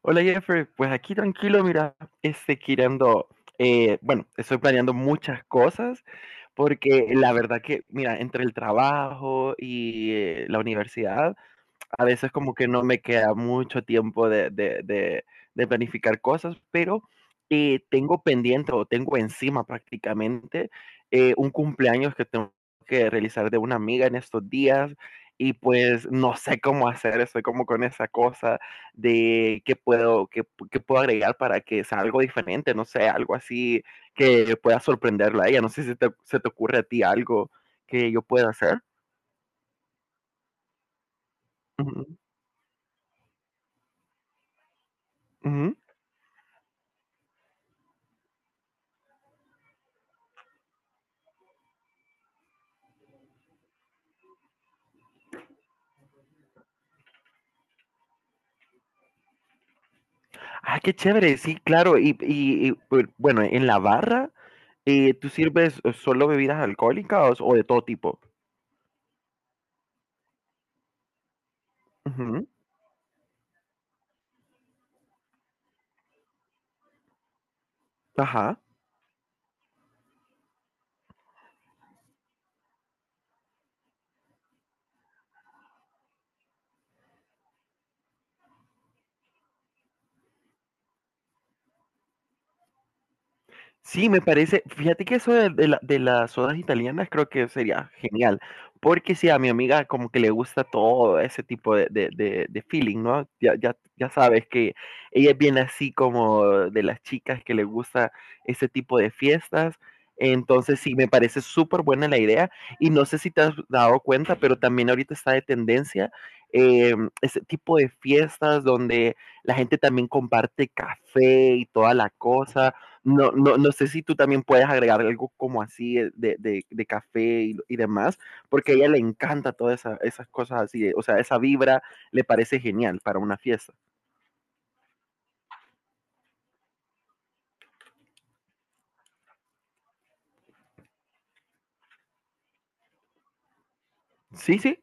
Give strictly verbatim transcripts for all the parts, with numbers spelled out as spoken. Hola Jeffrey, pues aquí tranquilo, mira, este, queriendo, eh, bueno, estoy planeando muchas cosas porque la verdad que, mira, entre el trabajo y eh, la universidad, a veces como que no me queda mucho tiempo de, de, de, de planificar cosas, pero eh, tengo pendiente o tengo encima prácticamente eh, un cumpleaños que tengo que realizar de una amiga en estos días. Y pues no sé cómo hacer, estoy como con esa cosa de qué puedo, qué, pu- qué puedo agregar para que sea algo diferente, no sé, algo así que pueda sorprenderla a ella, no sé si te- se te ocurre a ti algo que yo pueda hacer. Ujú, ujú. Ah, qué chévere, sí, claro. Y, y, y, bu- bueno, en la barra, eh, ¿tú sirves eh, solo bebidas alcohólicas o de todo tipo? Ujú. Ajá. Sí, me parece, fíjate que eso de, de la- de las sodas italianas creo que sería genial, porque sí, a mi amiga como que le gusta todo ese tipo de, de- de- de feeling, ¿no? Ya, ya, ya sabes que ella es bien así como de las chicas que le gusta ese tipo de fiestas, entonces sí, me parece súper buena la idea. Y no sé si te has dado cuenta, pero también ahorita está de tendencia eh, ese tipo de fiestas donde la gente también comparte café y toda la cosa. no, no, no sé si tú también puedes agregar algo como así de, de- de- de café y, y demás, porque a ella le encanta todas esa- esas cosas así, eh, o sea, esa vibra le parece genial para una fiesta. Sí, sí.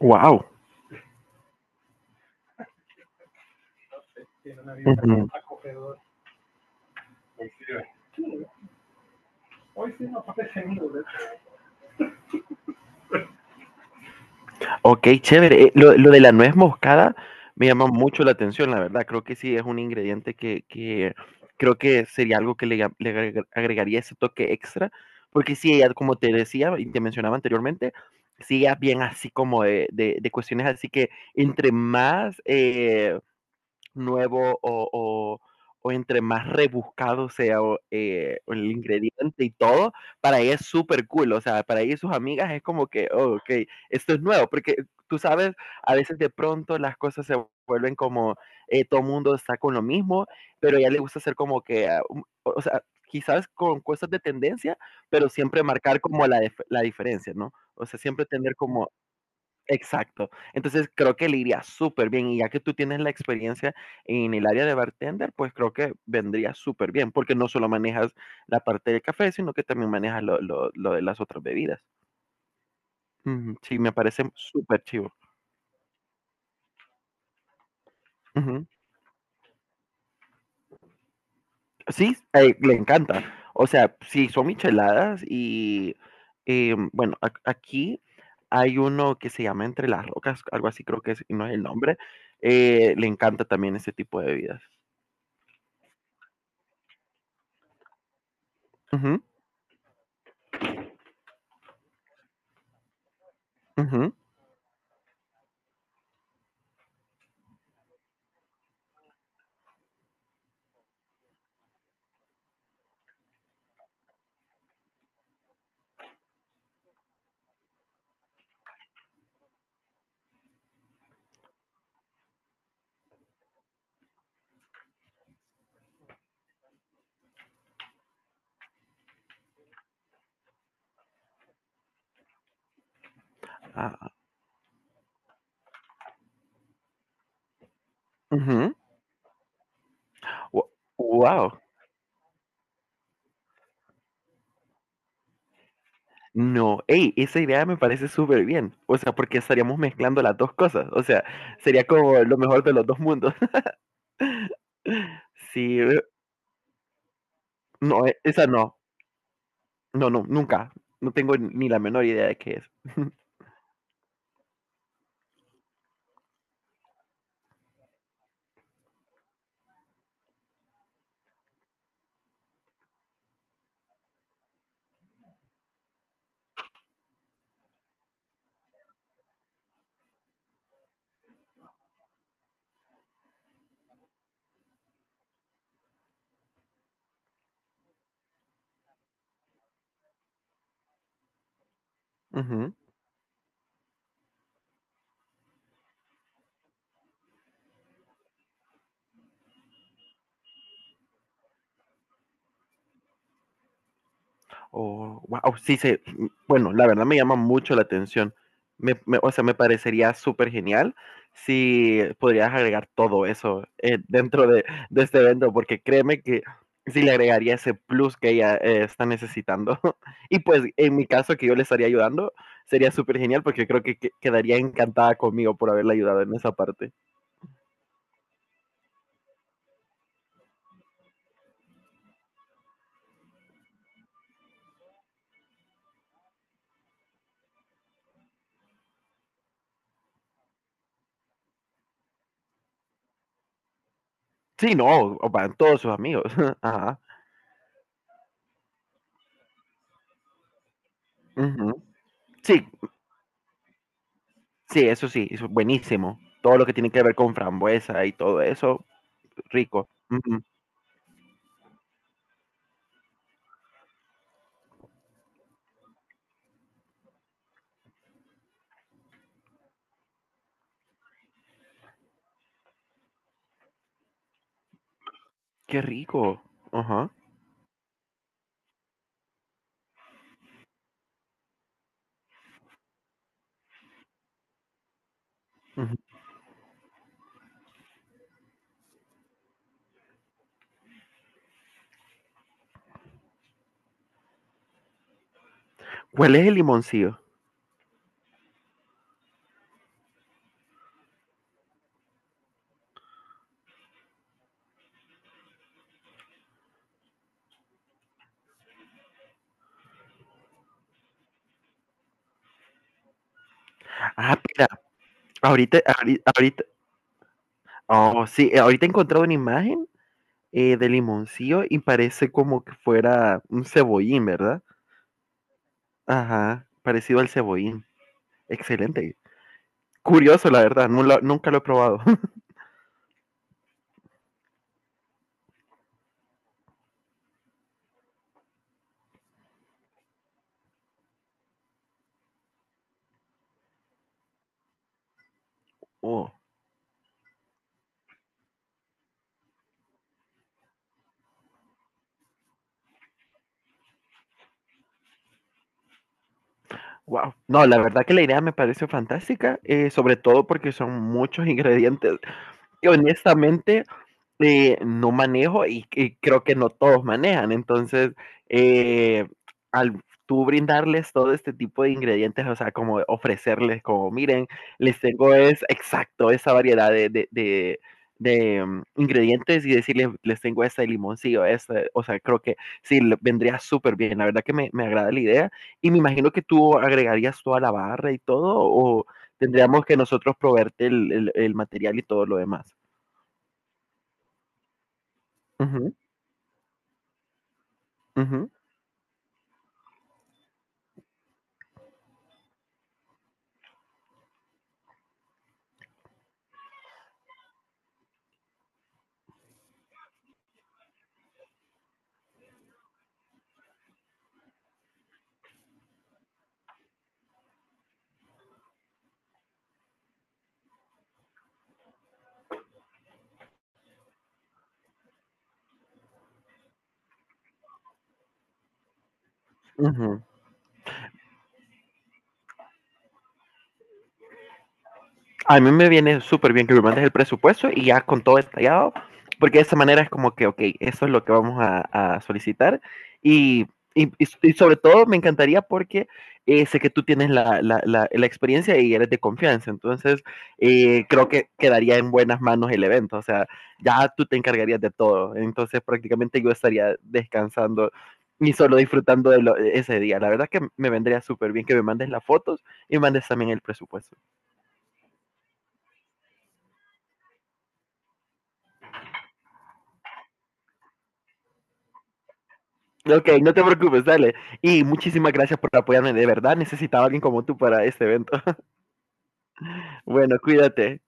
Wow. Ok, chévere. Eh, Lo, lo de la nuez moscada me llama mucho la atención, la verdad. Creo que sí es un ingrediente que, que creo que sería algo que le, ga- le agregar- agregaría ese toque extra, porque sí, ella, como te decía y te mencionaba anteriormente, sí, ella es bien así como de, de- de cuestiones así que entre más, eh, nuevo o, o, o entre más rebuscado sea o, eh, el ingrediente y todo, para ella es súper cool. O sea, para ella y sus amigas es como que, oh, ok, esto es nuevo, porque tú sabes, a veces de pronto las cosas se vuelven como eh, todo mundo está con lo mismo, pero a ella le gusta hacer como que, ah, um, o o sea, quizás con cosas de tendencia, pero siempre marcar como la, dif- la diferencia, ¿no? O sea, siempre tener como Exacto. Entonces creo que le iría súper bien. Y ya que tú tienes la experiencia en el área de bartender, pues creo que vendría súper bien, porque no solo manejas la parte del café, sino que también manejas lo, lo- lo de las otras bebidas. Ujú. Sí, me parece súper chivo. Ujú. Sí, eh, le encanta. O sea, sí, son micheladas y eh, bueno, ac- aquí hay uno que se llama Entre las Rocas, algo así creo que es, no es el nombre. Eh, le encanta también ese tipo de bebidas. Ujú, ujú. Ah, ujú. Wo- Wow. No, hey, esa idea me parece súper bien. O sea, porque estaríamos mezclando las dos cosas. O sea, sería como lo mejor de los dos mundos. Sí, eh, no, eh, esa no. No, no, nunca. No tengo ni la menor idea de qué es. Ujú. Oh, wow, sí, se, bueno, la verdad me llama mucho la atención. Me, me- o sea, me parecería súper genial si podrías agregar todo eso eh, dentro de, de este evento, porque créeme que sí le agregaría ese plus que ella eh, está necesitando. Y pues en mi caso que yo le estaría ayudando, sería súper genial porque creo que, que- quedaría encantada conmigo por haberle ayudado en esa parte. Sí, no, o van todos sus amigos. Ajá. Ujú. Sí, sí, eso sí, es buenísimo. Todo lo que tiene que ver con frambuesa y todo eso, rico. Ujú. Qué rico. Ajá. Ujú. ¿Cuál es el limoncillo? Ah, espera, ahorita, ahori- ahorita, oh, sí, eh, ahorita he encontrado una imagen eh, de limoncillo y parece como que fuera un cebollín, ¿verdad? Ajá, parecido al cebollín. Excelente. Curioso, la verdad, no lo- nunca lo he probado. Oh, wow. No, la verdad que la idea me pareció fantástica, eh, sobre todo porque son muchos ingredientes honestamente eh, no manejo y, y creo que no todos manejan. Entonces, eh, al tú brindarles todo este tipo de ingredientes, o sea, como ofrecerles, como miren, les tengo es exacto esa variedad de, de, de, de, mm, ingredientes y decirles, les tengo este limoncillo, este, o sea, creo que sí, le- vendría súper bien, la verdad que me, me agrada la idea y me imagino que tú agregarías toda la barra y todo o tendríamos que nosotros proveerte el, el- el material y todo lo demás. Ujú, ujú, ujú. A mí me viene súper bien que me mandes el presupuesto y ya con todo detallado, porque de esa manera es como que, ok, eso es lo que vamos a, a solicitar. Y, y, y sobre todo me encantaría porque eh, sé que tú tienes la, la, la, la, experiencia y eres de confianza, entonces eh, creo que quedaría en buenas manos el evento, o sea, ya tú te encargarías de todo, entonces prácticamente yo estaría descansando y solo disfrutando de lo, ese día. La verdad que me vendría súper bien que me mandes las fotos y mandes también el presupuesto. Ok, no te preocupes, dale. Y muchísimas gracias por apoyarme, de verdad necesitaba a alguien como tú para este evento. Bueno, cuídate.